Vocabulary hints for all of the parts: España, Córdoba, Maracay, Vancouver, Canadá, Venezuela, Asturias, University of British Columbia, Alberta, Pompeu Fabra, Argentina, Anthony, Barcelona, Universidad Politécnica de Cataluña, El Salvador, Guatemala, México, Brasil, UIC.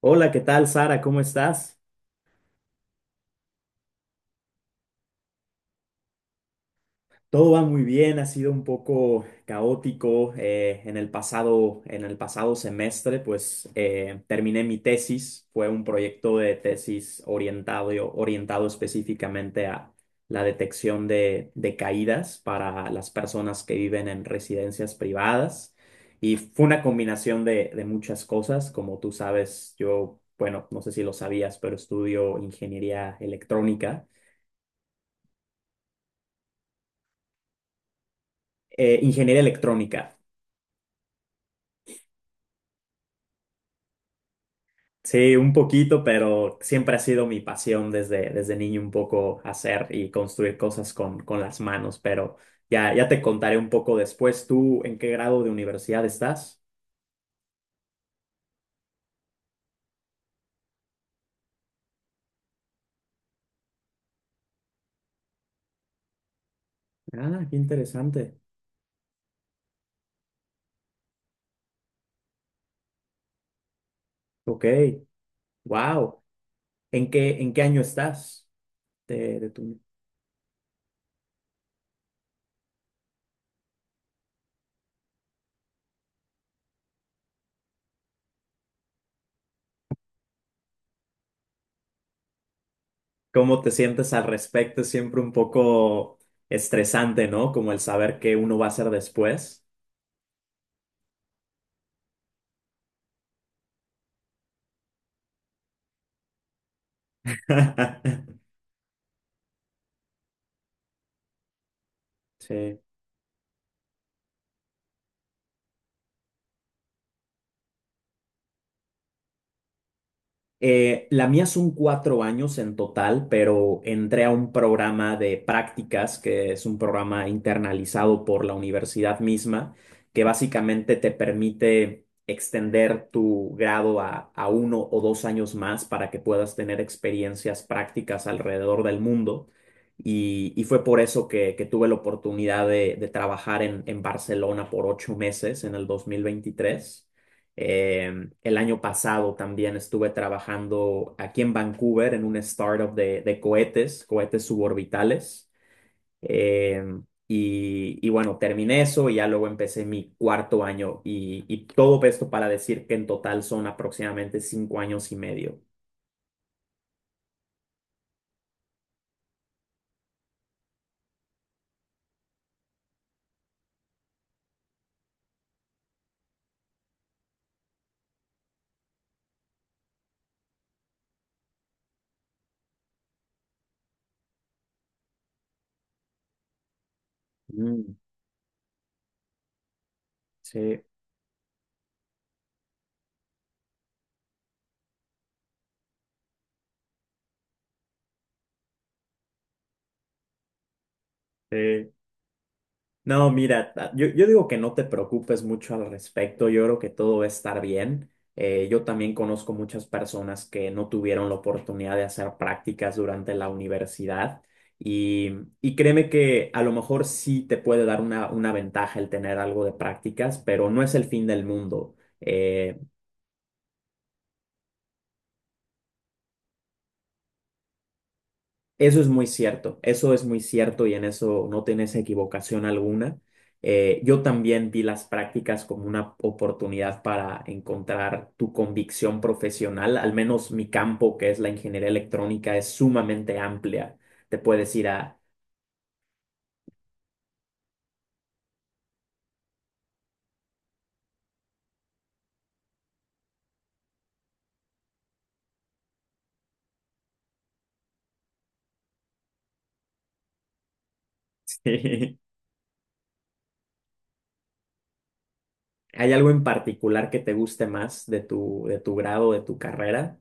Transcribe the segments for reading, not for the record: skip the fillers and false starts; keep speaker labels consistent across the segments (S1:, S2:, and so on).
S1: Hola, ¿qué tal, Sara? ¿Cómo estás? Todo va muy bien, ha sido un poco caótico en el pasado, semestre, pues terminé mi tesis, fue un proyecto de tesis orientado, específicamente a la detección de caídas para las personas que viven en residencias privadas y fue una combinación de muchas cosas, como tú sabes, yo, bueno, no sé si lo sabías, pero estudio ingeniería electrónica. Ingeniería electrónica. Sí, un poquito, pero siempre ha sido mi pasión desde niño un poco hacer y construir cosas con las manos, pero ya, ya te contaré un poco después. ¿Tú en qué grado de universidad estás? Ah, qué interesante. Ok, wow. ¿En qué año estás de tu...? ¿Cómo te sientes al respecto? Es siempre un poco estresante, ¿no? Como el saber qué uno va a hacer después. Sí. La mía son 4 años en total, pero entré a un programa de prácticas, que es un programa internalizado por la universidad misma, que básicamente te permite extender tu grado a 1 o 2 años más para que puedas tener experiencias prácticas alrededor del mundo. Y fue por eso que tuve la oportunidad de trabajar en Barcelona por 8 meses en el 2023. El año pasado también estuve trabajando aquí en Vancouver en una startup de cohetes, cohetes suborbitales. Eh, y bueno, terminé eso y ya luego empecé mi cuarto año y todo esto para decir que en total son aproximadamente 5 años y medio. Mm, sí, sí. No, mira, yo digo que no te preocupes mucho al respecto, yo creo que todo va a estar bien. Yo también conozco muchas personas que no tuvieron la oportunidad de hacer prácticas durante la universidad y, y créeme que a lo mejor sí te puede dar una ventaja el tener algo de prácticas, pero no es el fin del mundo. Eh, Eso es muy cierto, eso es muy cierto y en eso no tienes equivocación alguna. Yo también vi las prácticas como una oportunidad para encontrar tu convicción profesional, al menos mi campo, que es la ingeniería electrónica, es sumamente amplia. Te puedes ir a... Sí. ¿Hay algo en particular que te guste más de tu grado, de tu carrera?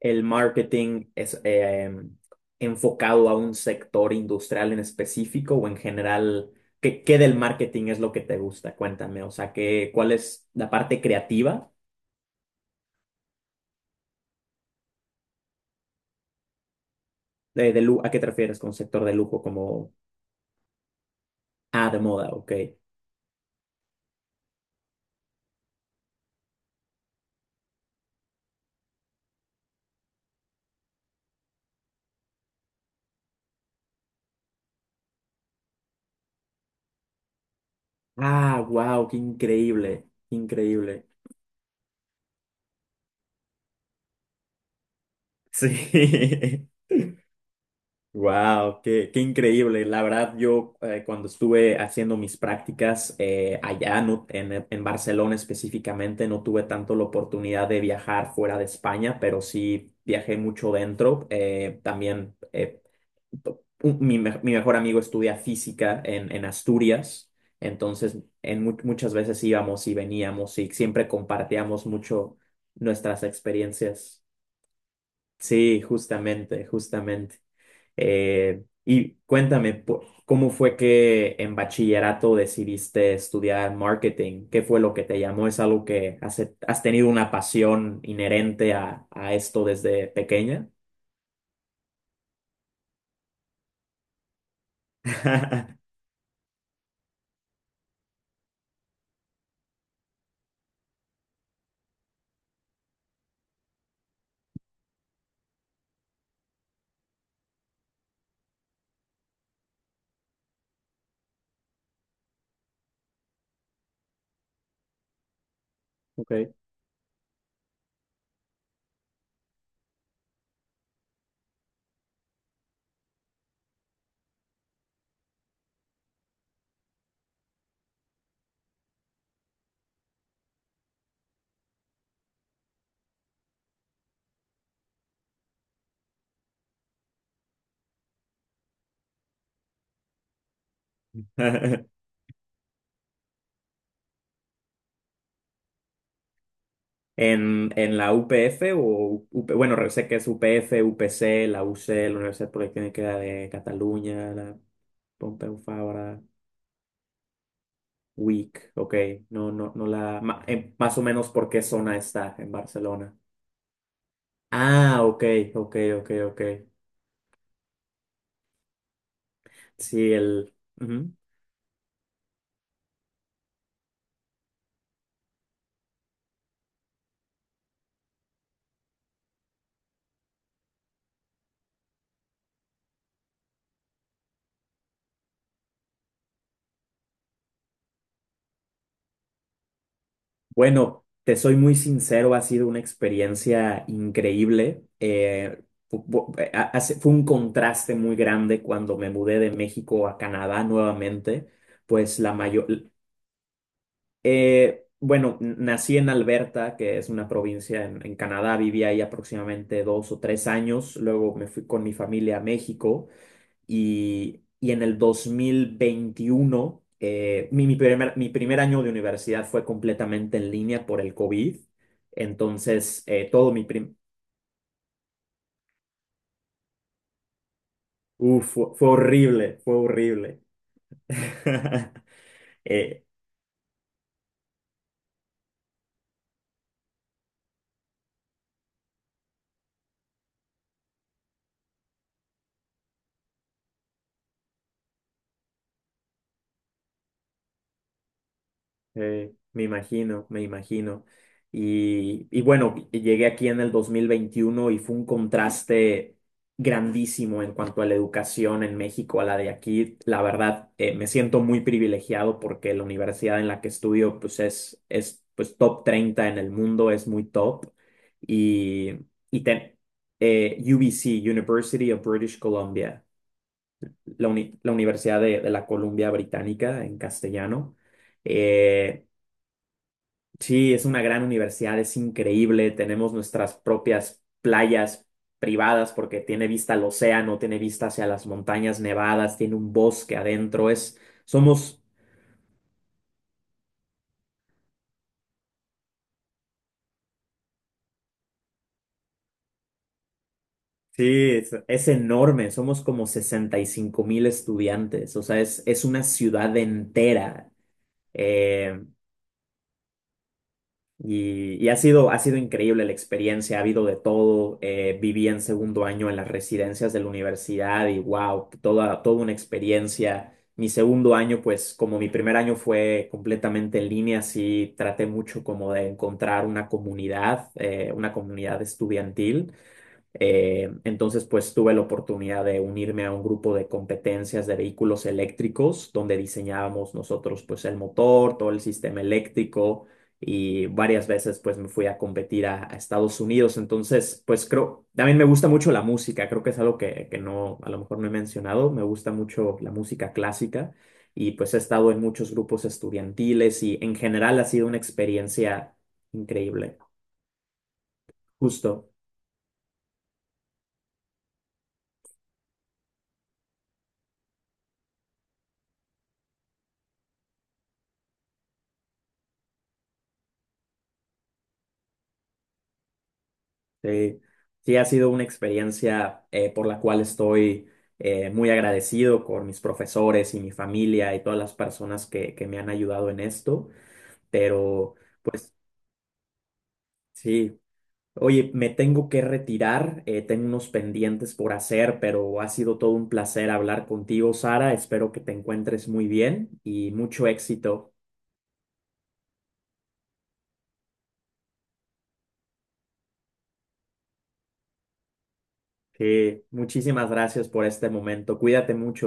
S1: ¿El marketing es enfocado a un sector industrial en específico o en general? ¿Qué del marketing es lo que te gusta? Cuéntame, o sea, cuál es la parte creativa? ¿A qué te refieres con sector de lujo? Como, ah, de moda, ok. Ah, wow, qué increíble, qué increíble. Sí. Wow, qué increíble. La verdad, yo cuando estuve haciendo mis prácticas allá no- en Barcelona específicamente, no tuve tanto la oportunidad de viajar fuera de España, pero sí viajé mucho dentro. También mi mejor amigo estudia física en Asturias, entonces muchas veces íbamos y veníamos y siempre compartíamos mucho nuestras experiencias. Sí, justamente, justamente. Y cuéntame, ¿cómo fue que en bachillerato decidiste estudiar marketing? ¿Qué fue lo que te llamó? ¿Es algo que has tenido una pasión inherente a esto desde pequeña? Ok. ¿En la UPF o UP bueno, sé que es UPF, UPC, la UC, la Universidad Politécnica de Cataluña, la Pompeu Fabra, UIC, ok, no, no, no la, más o menos por qué zona está en Barcelona? Ah, ok, ok, ok, ok. Sí, el... ujú. Bueno, te soy muy sincero, ha sido una experiencia increíble. Fue un contraste muy grande cuando me mudé de México a Canadá nuevamente. Pues la mayor... bueno, nací en Alberta, que es una provincia en Canadá, viví ahí aproximadamente 2 o 3 años, luego me fui con mi familia a México. Y en el 2021, mi primer año de universidad fue completamente en línea por el COVID. Entonces, todo mi prim... Uf, fue horrible, fue horrible. Eh, me imagino, me imagino. Y bueno, llegué aquí en el 2021 y fue un contraste grandísimo en cuanto a la educación en México a la de aquí. La verdad, me siento muy privilegiado porque la universidad en la que estudio pues es pues top 30 en el mundo, es muy top. Y, y te- UBC, University of British Columbia, la Universidad de la Columbia Británica en castellano. Eh, Sí, es una gran universidad, es increíble. Tenemos nuestras propias playas privadas porque tiene vista al océano, tiene vista hacia las montañas nevadas, tiene un bosque adentro. Somos, sí, es enorme. Somos como 65.000 estudiantes. O sea, es una ciudad entera. Eh, y ha sido increíble la experiencia, ha habido de todo. Viví en segundo año en las residencias de la universidad y wow, toda, toda una experiencia. Mi segundo año, pues como mi primer año fue completamente en línea, sí traté mucho como de encontrar una comunidad estudiantil. Entonces, pues tuve la oportunidad de unirme a un grupo de competencias de vehículos eléctricos, donde diseñábamos nosotros pues el motor, todo el sistema eléctrico y varias veces pues me fui a competir a Estados Unidos. Entonces, pues creo, también me gusta mucho la música, creo que es algo que no, a lo mejor no he mencionado, me gusta mucho la música clásica y pues he estado en muchos grupos estudiantiles y en general ha sido una experiencia increíble. Justo. Sí, sí, ha sido una experiencia por la cual estoy muy agradecido con mis profesores y mi familia y todas las personas que me han ayudado en esto. Pero sí, oye, me tengo que retirar, tengo unos pendientes por hacer, pero ha sido todo un placer hablar contigo, Sara. Espero que te encuentres muy bien y mucho éxito. Sí, muchísimas gracias por este momento. Cuídate mucho.